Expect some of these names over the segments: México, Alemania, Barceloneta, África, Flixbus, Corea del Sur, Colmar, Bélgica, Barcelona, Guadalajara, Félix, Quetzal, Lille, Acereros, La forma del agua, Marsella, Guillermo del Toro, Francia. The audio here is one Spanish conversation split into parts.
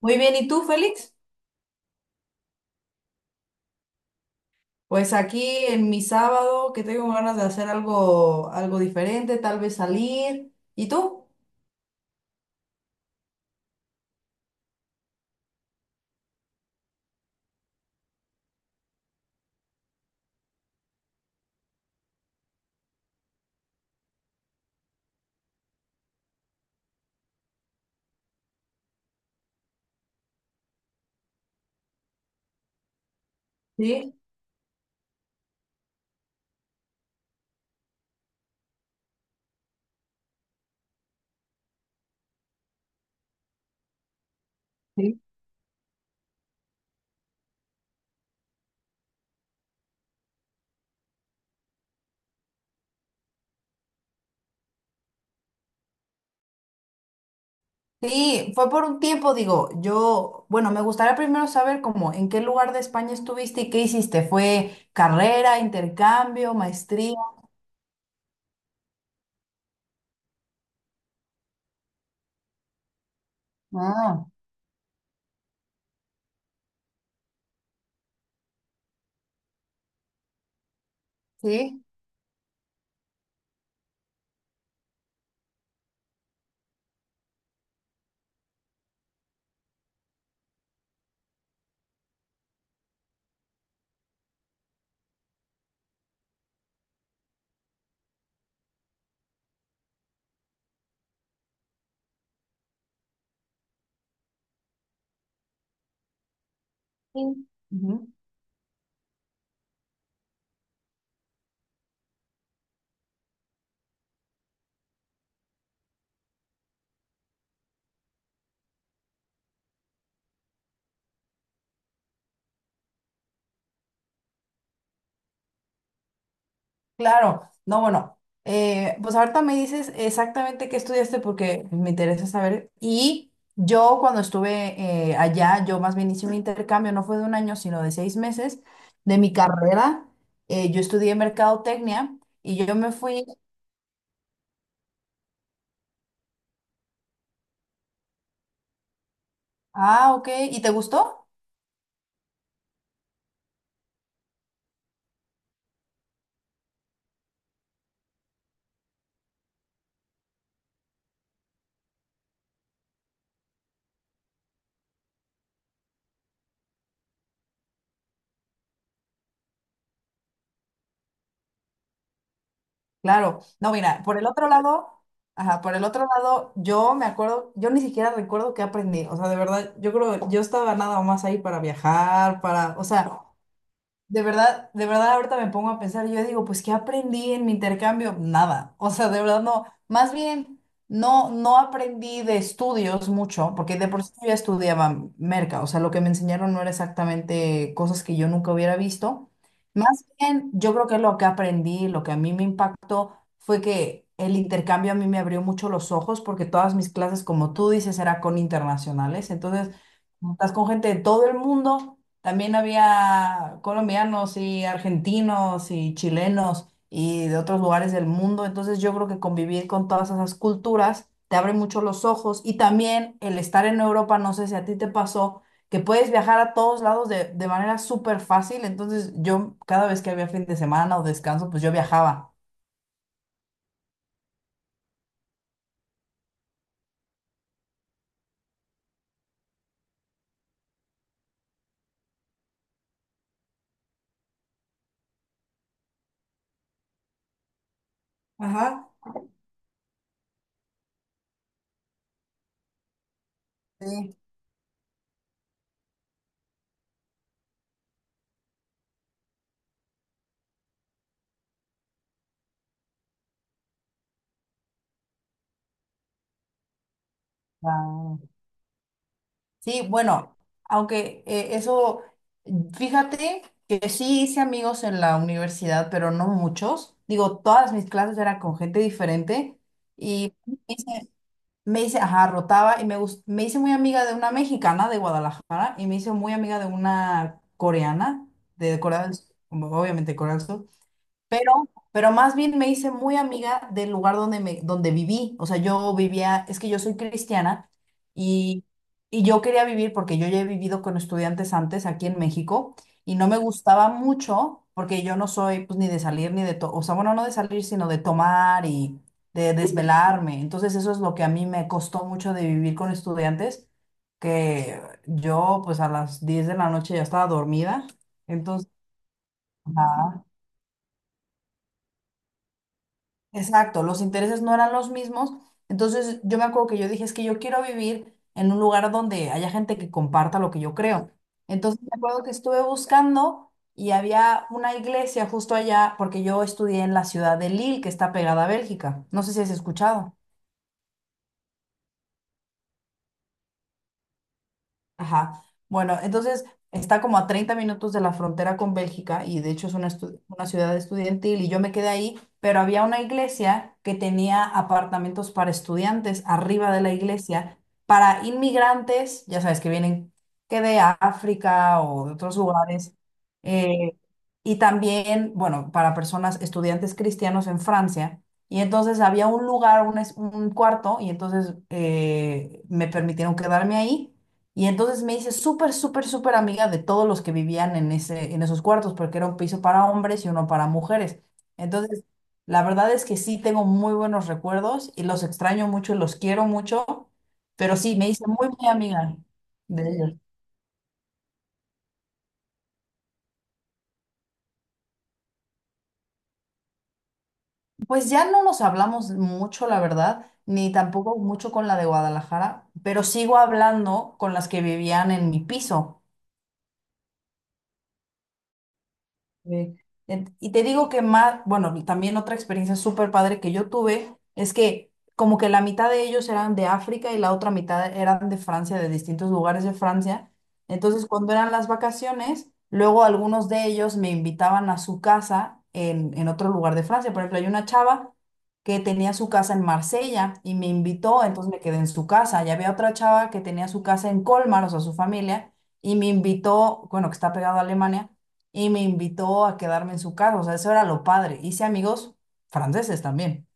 Muy bien, ¿y tú, Félix? Pues aquí en mi sábado, que tengo ganas de hacer algo, algo diferente, tal vez salir. ¿Y tú? Sí, sí. Sí, fue por un tiempo, digo, yo, bueno, me gustaría primero saber cómo, en qué lugar de España estuviste y qué hiciste. ¿Fue carrera, intercambio, maestría? Ah, sí. Sí. Claro, no, bueno, pues ahorita me dices exactamente qué estudiaste porque me interesa saber. Y yo cuando estuve allá, yo más bien hice un intercambio, no fue de un año, sino de 6 meses de mi carrera. Yo estudié mercadotecnia y yo me fui, ah, ok, ¿y te gustó? Claro, no, mira, por el otro lado, ajá, por el otro lado, yo me acuerdo, yo ni siquiera recuerdo qué aprendí, o sea, de verdad, yo creo, yo estaba nada más ahí para viajar, para, o sea... de verdad ahorita me pongo a pensar, yo digo, pues ¿qué aprendí en mi intercambio? Nada, o sea, de verdad no, más bien no aprendí de estudios mucho, porque de por sí yo ya estudiaba merca, o sea, lo que me enseñaron no era exactamente cosas que yo nunca hubiera visto. Más bien, yo creo que lo que aprendí, lo que a mí me impactó fue que el intercambio a mí me abrió mucho los ojos, porque todas mis clases, como tú dices, era con internacionales, entonces, estás con gente de todo el mundo también había colombianos y argentinos y chilenos y de otros lugares del mundo. Entonces yo creo que convivir con todas esas culturas te abre mucho los ojos y también el estar en Europa, no sé si a ti te pasó, que puedes viajar a todos lados de manera súper fácil. Entonces yo cada vez que había fin de semana o descanso, pues yo viajaba. Ajá. Sí. Ah, sí, bueno, aunque eso, fíjate que sí hice amigos en la universidad, pero no muchos. Digo, todas mis clases eran con gente diferente y me hice, ajá, rotaba y me, me hice muy amiga de una mexicana de Guadalajara y me hice muy amiga de una coreana de Corea del Sur, como obviamente Corea del Sur. Pero más bien me hice muy amiga del lugar donde, me, donde viví. O sea, yo vivía, es que yo soy cristiana y, y yo quería vivir porque yo ya he vivido con estudiantes antes aquí en México y no me gustaba mucho porque yo no soy pues ni de salir ni de, o sea, bueno, no de salir, sino de tomar y de desvelarme. Entonces eso es lo que a mí me costó mucho de vivir con estudiantes, que yo pues a las 10 de la noche ya estaba dormida. Entonces, ajá. Exacto, los intereses no eran los mismos. Entonces yo me acuerdo que yo dije, es que yo quiero vivir en un lugar donde haya gente que comparta lo que yo creo. Entonces me acuerdo que estuve buscando y había una iglesia justo allá, porque yo estudié en la ciudad de Lille, que está pegada a Bélgica. No sé si has escuchado. Ajá. Bueno, entonces está como a 30 minutos de la frontera con Bélgica y de hecho es una, una ciudad estudiantil y yo me quedé ahí, pero había una iglesia que tenía apartamentos para estudiantes arriba de la iglesia, para inmigrantes, ya sabes, que vienen que de África o de otros lugares, eh, y también, bueno, para personas, estudiantes cristianos en Francia. Y entonces había un lugar, un, un cuarto, y entonces me permitieron quedarme ahí. Y entonces me hice súper, súper, súper amiga de todos los que vivían en ese, en esos cuartos, porque era un piso para hombres y uno para mujeres. Entonces, la verdad es que sí tengo muy buenos recuerdos y los extraño mucho y los quiero mucho, pero sí, me hice muy, muy amiga de ellos. Pues ya no nos hablamos mucho, la verdad, ni tampoco mucho con la de Guadalajara, pero sigo hablando con las que vivían en mi piso. Sí. Y te digo que más, bueno, y también otra experiencia súper padre que yo tuve es que como que la mitad de ellos eran de África y la otra mitad eran de Francia, de distintos lugares de Francia. Entonces, cuando eran las vacaciones, luego algunos de ellos me invitaban a su casa en otro lugar de Francia. Por ejemplo, hay una chava que tenía su casa en Marsella y me invitó, entonces me quedé en su casa. Y había otra chava que tenía su casa en Colmar, o sea, su familia, y me invitó, bueno, que está pegado a Alemania y me invitó a quedarme en su casa, o sea, eso era lo padre. Hice amigos franceses también.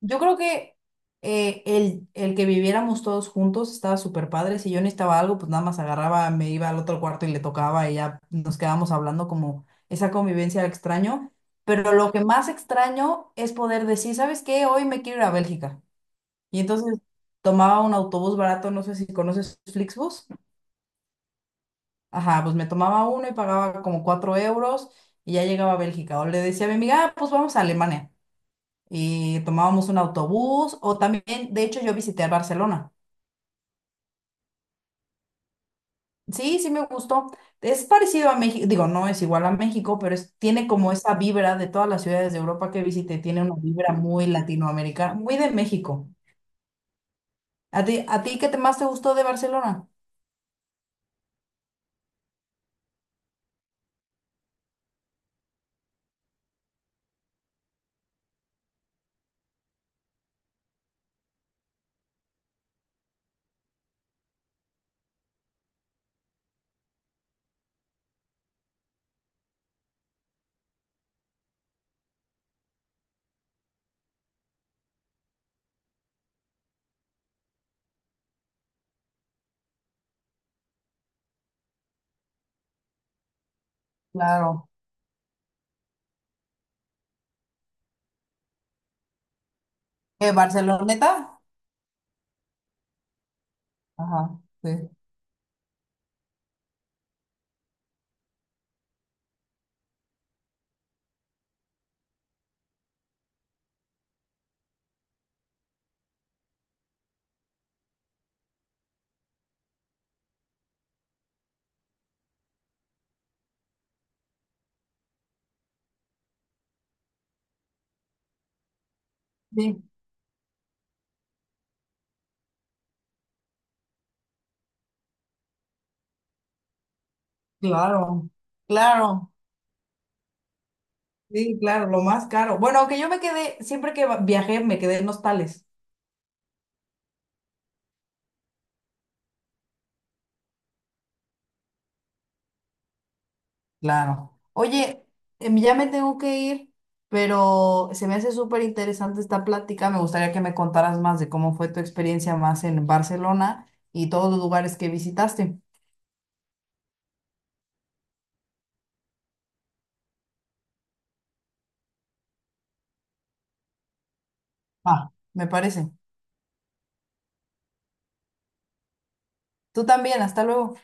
Yo creo que el que viviéramos todos juntos estaba súper padre. Si yo necesitaba algo, pues nada más agarraba, me iba al otro cuarto y le tocaba y ya nos quedábamos hablando como esa convivencia la extraño. Pero lo que más extraño es poder decir, ¿sabes qué? Hoy me quiero ir a Bélgica. Y entonces tomaba un autobús barato, no sé si conoces Flixbus. Ajá, pues me tomaba uno y pagaba como 4 euros y ya llegaba a Bélgica. O le decía a mi amiga, "Ah, pues vamos a Alemania". Y tomábamos un autobús o también, de hecho, yo visité Barcelona. Sí, sí me gustó. Es parecido a México, digo, no es igual a México, pero tiene como esa vibra de todas las ciudades de Europa que visité, tiene una vibra muy latinoamericana, muy de México. A ti qué te más te gustó de Barcelona? Claro. ¿Eh, Barceloneta? Ajá, sí. Sí, claro, claro. Sí, claro, lo más caro. Bueno, aunque yo me quedé, siempre que viajé, me quedé en hostales. Claro. Oye, ya me tengo que ir, pero se me hace súper interesante esta plática. Me gustaría que me contaras más de cómo fue tu experiencia más en Barcelona y todos los lugares que visitaste. Ah, me parece. Tú también, hasta luego.